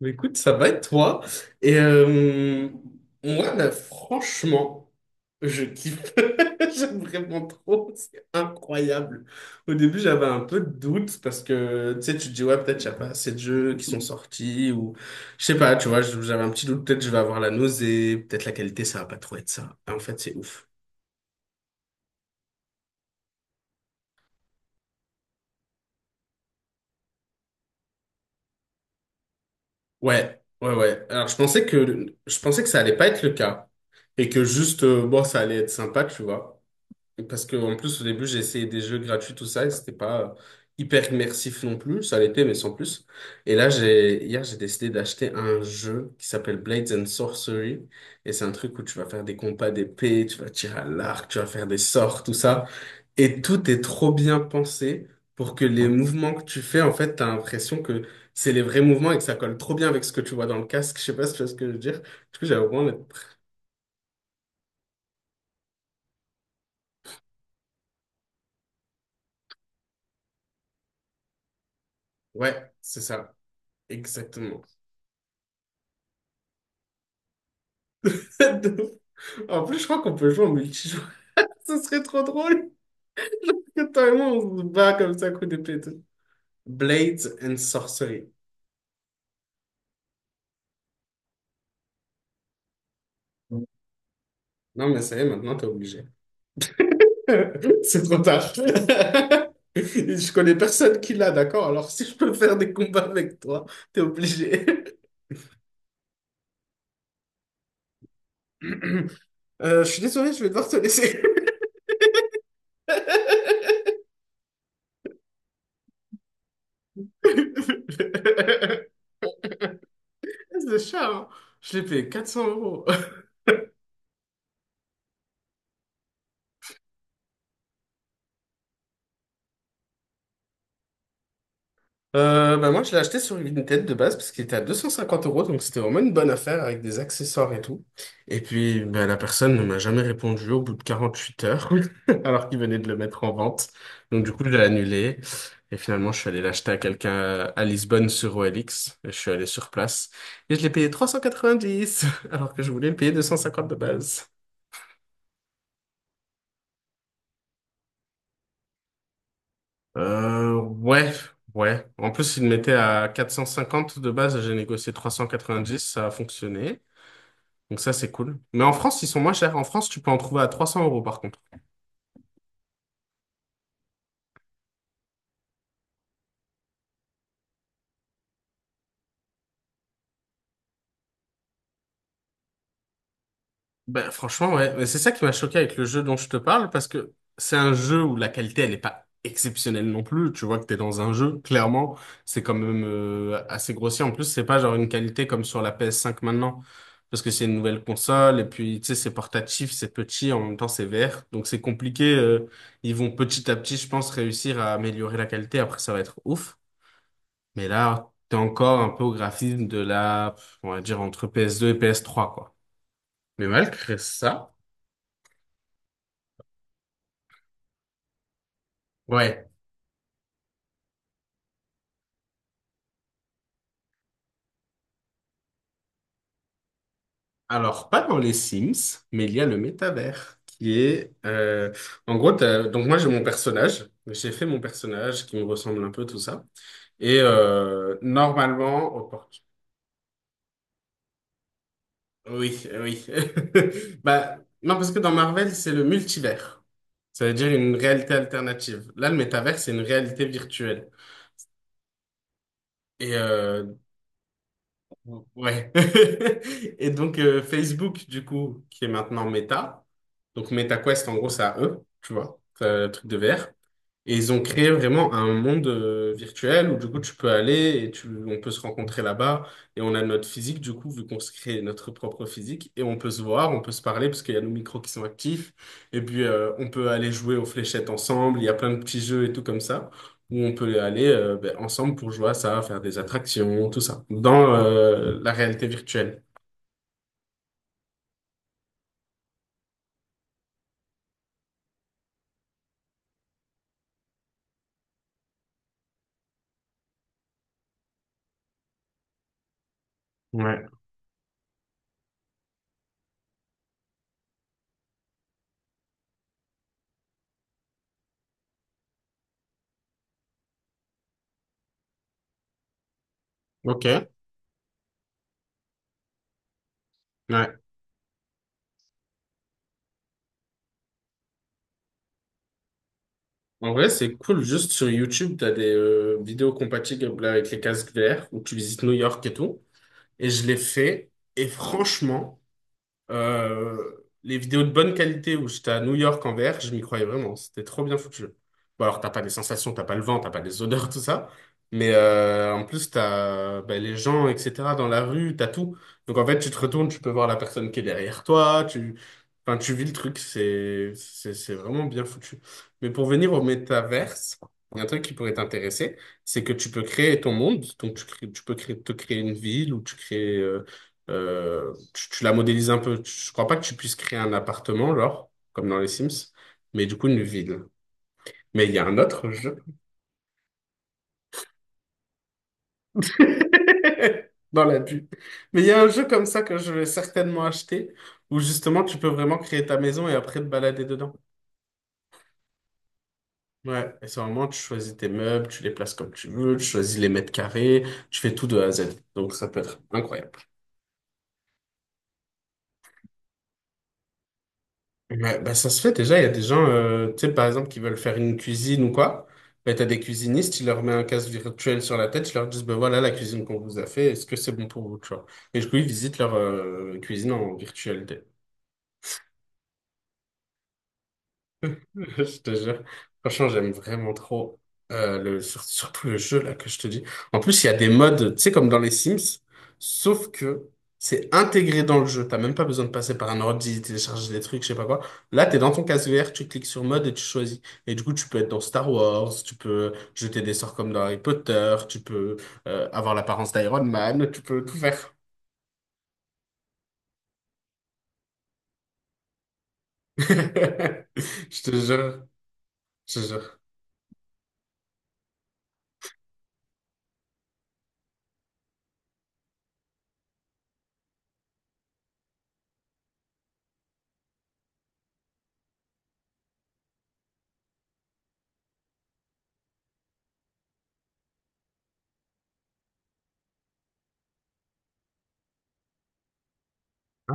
Bah, Écoute, ça va être toi. Et moi, là, franchement, je kiffe. J'aime vraiment trop. C'est incroyable. Au début, j'avais un peu de doute parce que, tu sais, tu te dis, ouais, peut-être qu'il n'y a pas assez de jeux qui sont sortis ou je sais pas, tu vois, j'avais un petit doute. Peut-être je vais avoir la nausée. Peut-être la qualité, ça va pas trop être ça. Et en fait, c'est ouf. Ouais, ouais, ouais. Alors, je pensais que ça allait pas être le cas et que juste, bon, ça allait être sympa, tu vois. Parce que en plus, au début, j'ai essayé des jeux gratuits, tout ça, et c'était pas hyper immersif non plus. Ça l'était, mais sans plus. Et là, j'ai décidé d'acheter un jeu qui s'appelle Blades and Sorcery. Et c'est un truc où tu vas faire des combats d'épée, tu vas tirer à l'arc, tu vas faire des sorts, tout ça. Et tout est trop bien pensé pour que les mouvements que tu fais, en fait, t'as l'impression que c'est les vrais mouvements et que ça colle trop bien avec ce que tu vois dans le casque. Je sais pas si tu vois ce que je veux dire. Du coup, j'avais vraiment... Ouais, c'est ça. Exactement. En plus, je crois qu'on peut jouer en multijoueur. Ce serait trop drôle. Que toi et moi, on se bat comme ça, coup de pète. Blades and Sorcery. Non, mais ça y est, maintenant, t'es obligé. C'est trop tard. Je connais personne qui l'a, d'accord? Alors, si je peux faire des combats avec toi, t'es obligé. Je suis désolé, je vais devoir te laisser. Ce chat, hein, je l'ai payé 400 euros. Bah moi, je l'ai acheté sur Vinted de base parce qu'il était à 250 euros, donc c'était vraiment une bonne affaire avec des accessoires et tout. Et puis, bah, la personne ne m'a jamais répondu au bout de 48 heures, alors qu'il venait de le mettre en vente. Donc du coup, je l'ai annulé. Et finalement, je suis allé l'acheter à quelqu'un à Lisbonne sur OLX. Et je suis allé sur place et je l'ai payé 390, alors que je voulais le payer 250 de base. Ouais, ouais. En plus, il mettait à 450 de base, j'ai négocié 390, ça a fonctionné. Donc ça, c'est cool. Mais en France, ils sont moins chers. En France, tu peux en trouver à 300 euros par contre. Ben, franchement, ouais. Mais c'est ça qui m'a choqué avec le jeu dont je te parle, parce que c'est un jeu où la qualité, elle n'est pas exceptionnelle non plus. Tu vois que t'es dans un jeu, clairement, c'est quand même assez grossier. En plus, c'est pas genre une qualité comme sur la PS5 maintenant, parce que c'est une nouvelle console, et puis, tu sais, c'est portatif, c'est petit, en même temps, c'est vert. Donc c'est compliqué. Ils vont petit à petit, je pense, réussir à améliorer la qualité. Après, ça va être ouf. Mais là, t'es encore un peu au graphisme de la, on va dire, entre PS2 et PS3, quoi. Mais malgré ça, ouais. Alors, pas dans les Sims, mais il y a le métavers, qui est... En gros, donc moi, j'ai mon personnage. J'ai fait mon personnage qui me ressemble un peu, tout ça. Et normalement... Oh, oui, oui. Bah, non, parce que dans Marvel, c'est le multivers. Ça veut dire une réalité alternative. Là, le métavers, c'est une réalité virtuelle. Et euh, Ouais. Et donc Facebook, du coup, qui est maintenant Meta. Donc MetaQuest, en gros, c'est à eux, tu vois, c'est le truc de VR. Et ils ont créé vraiment un monde virtuel où du coup tu peux aller et on peut se rencontrer là-bas et on a notre physique du coup vu qu'on se crée notre propre physique et on peut se voir, on peut se parler parce qu'il y a nos micros qui sont actifs et puis on peut aller jouer aux fléchettes ensemble, il y a plein de petits jeux et tout comme ça où on peut aller ben, ensemble pour jouer à ça, faire des attractions, tout ça dans la réalité virtuelle. Ouais, ok, ouais. En vrai, c'est cool. Juste sur YouTube, tu as des vidéos compatibles avec les casques VR où tu visites New York et tout. Et je l'ai fait. Et franchement, les vidéos de bonne qualité où j'étais à New York en VR, je m'y croyais vraiment. C'était trop bien foutu. Bon, alors, t'as pas les sensations, t'as pas le vent, t'as pas les odeurs, tout ça. Mais en plus, t'as ben, les gens, etc. dans la rue, t'as tout. Donc, en fait, tu te retournes, tu peux voir la personne qui est derrière toi. Enfin, tu vis le truc. C'est vraiment bien foutu. Mais pour venir au métaverse, il y a un truc qui pourrait t'intéresser, c'est que tu peux créer ton monde. Donc, tu peux créer, te créer une ville ou tu crées. Tu la modélises un peu. Je crois pas que tu puisses créer un appartement, genre, comme dans les Sims, mais du coup, une ville. Mais il y a un autre jeu. Dans la bulle. Mais il y a un jeu comme ça que je vais certainement acheter, où justement, tu peux vraiment créer ta maison et après te balader dedans. Ouais, et c'est vraiment, tu choisis tes meubles, tu les places comme tu veux, tu choisis les mètres carrés, tu fais tout de A à Z. Donc, ça peut être incroyable. Ouais, bah ça se fait déjà, il y a des gens, tu sais, par exemple, qui veulent faire une cuisine ou quoi, bah, t'as des cuisinistes, ils leur mettent un casque virtuel sur la tête, ils leur disent, ben voilà la cuisine qu'on vous a fait, est-ce que c'est bon pour vous, tu vois. Et du coup, ils visitent leur cuisine en virtuel. Je te jure. Franchement, j'aime vraiment trop surtout le jeu là que je te dis. En plus, il y a des modes, tu sais, comme dans les Sims, sauf que c'est intégré dans le jeu. T'as même pas besoin de passer par un ordi, télécharger des trucs, je sais pas quoi. Là, t'es dans ton casque vert, tu cliques sur mode et tu choisis. Et du coup, tu peux être dans Star Wars, tu peux jeter des sorts comme dans Harry Potter, tu peux avoir l'apparence d'Iron Man, tu peux tout faire. Je te jure, je te jure.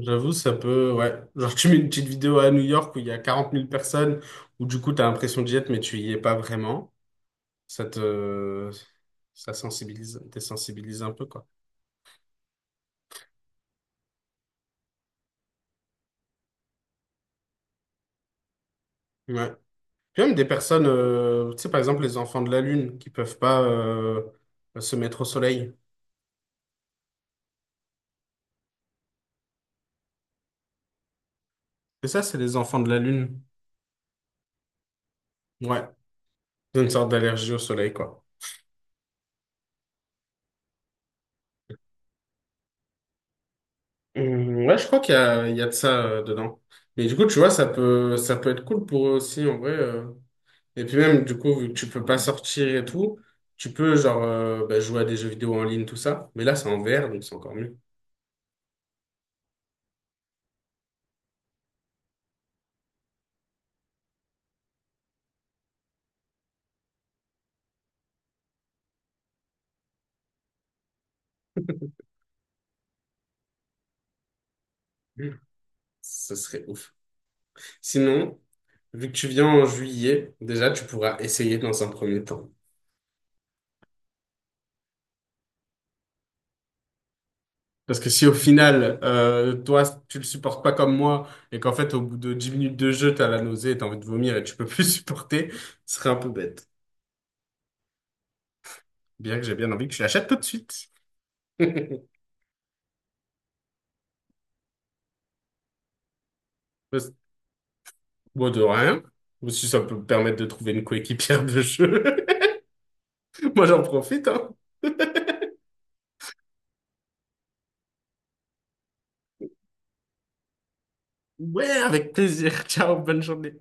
J'avoue, ça peut, ouais. Genre, tu mets une petite vidéo à New York où il y a 40 000 personnes, où du coup, t'as l'impression d'y être, mais tu y es pas vraiment. Ça te, Ça sensibilise, t'es sensibilisé un peu, quoi. Ouais. Puis même des personnes, tu sais, par exemple, les enfants de la Lune qui peuvent pas, se mettre au soleil. Et ça, c'est les enfants de la Lune. Ouais. C'est une sorte d'allergie au soleil, quoi. Ouais, je crois qu'il y a, de ça, dedans. Mais du coup, tu vois, ça peut être cool pour eux aussi, en vrai. Et puis même, du coup, vu que tu peux pas sortir et tout, tu peux genre bah, jouer à des jeux vidéo en ligne, tout ça. Mais là, c'est en VR, donc c'est encore mieux. Ce serait ouf. Sinon, vu que tu viens en juillet, déjà, tu pourras essayer dans un premier temps. Parce que si au final, toi, tu le supportes pas comme moi, et qu'en fait, au bout de 10 minutes de jeu, t'as la nausée et t'as envie de vomir et tu peux plus supporter, ce serait un peu bête. Bien que j'ai bien envie que tu l'achètes tout de suite. Parce- Bon, de rien. Ou si ça peut me permettre de trouver une coéquipière de jeu. Moi, j'en profite, hein. Ouais, avec plaisir. Ciao, bonne journée.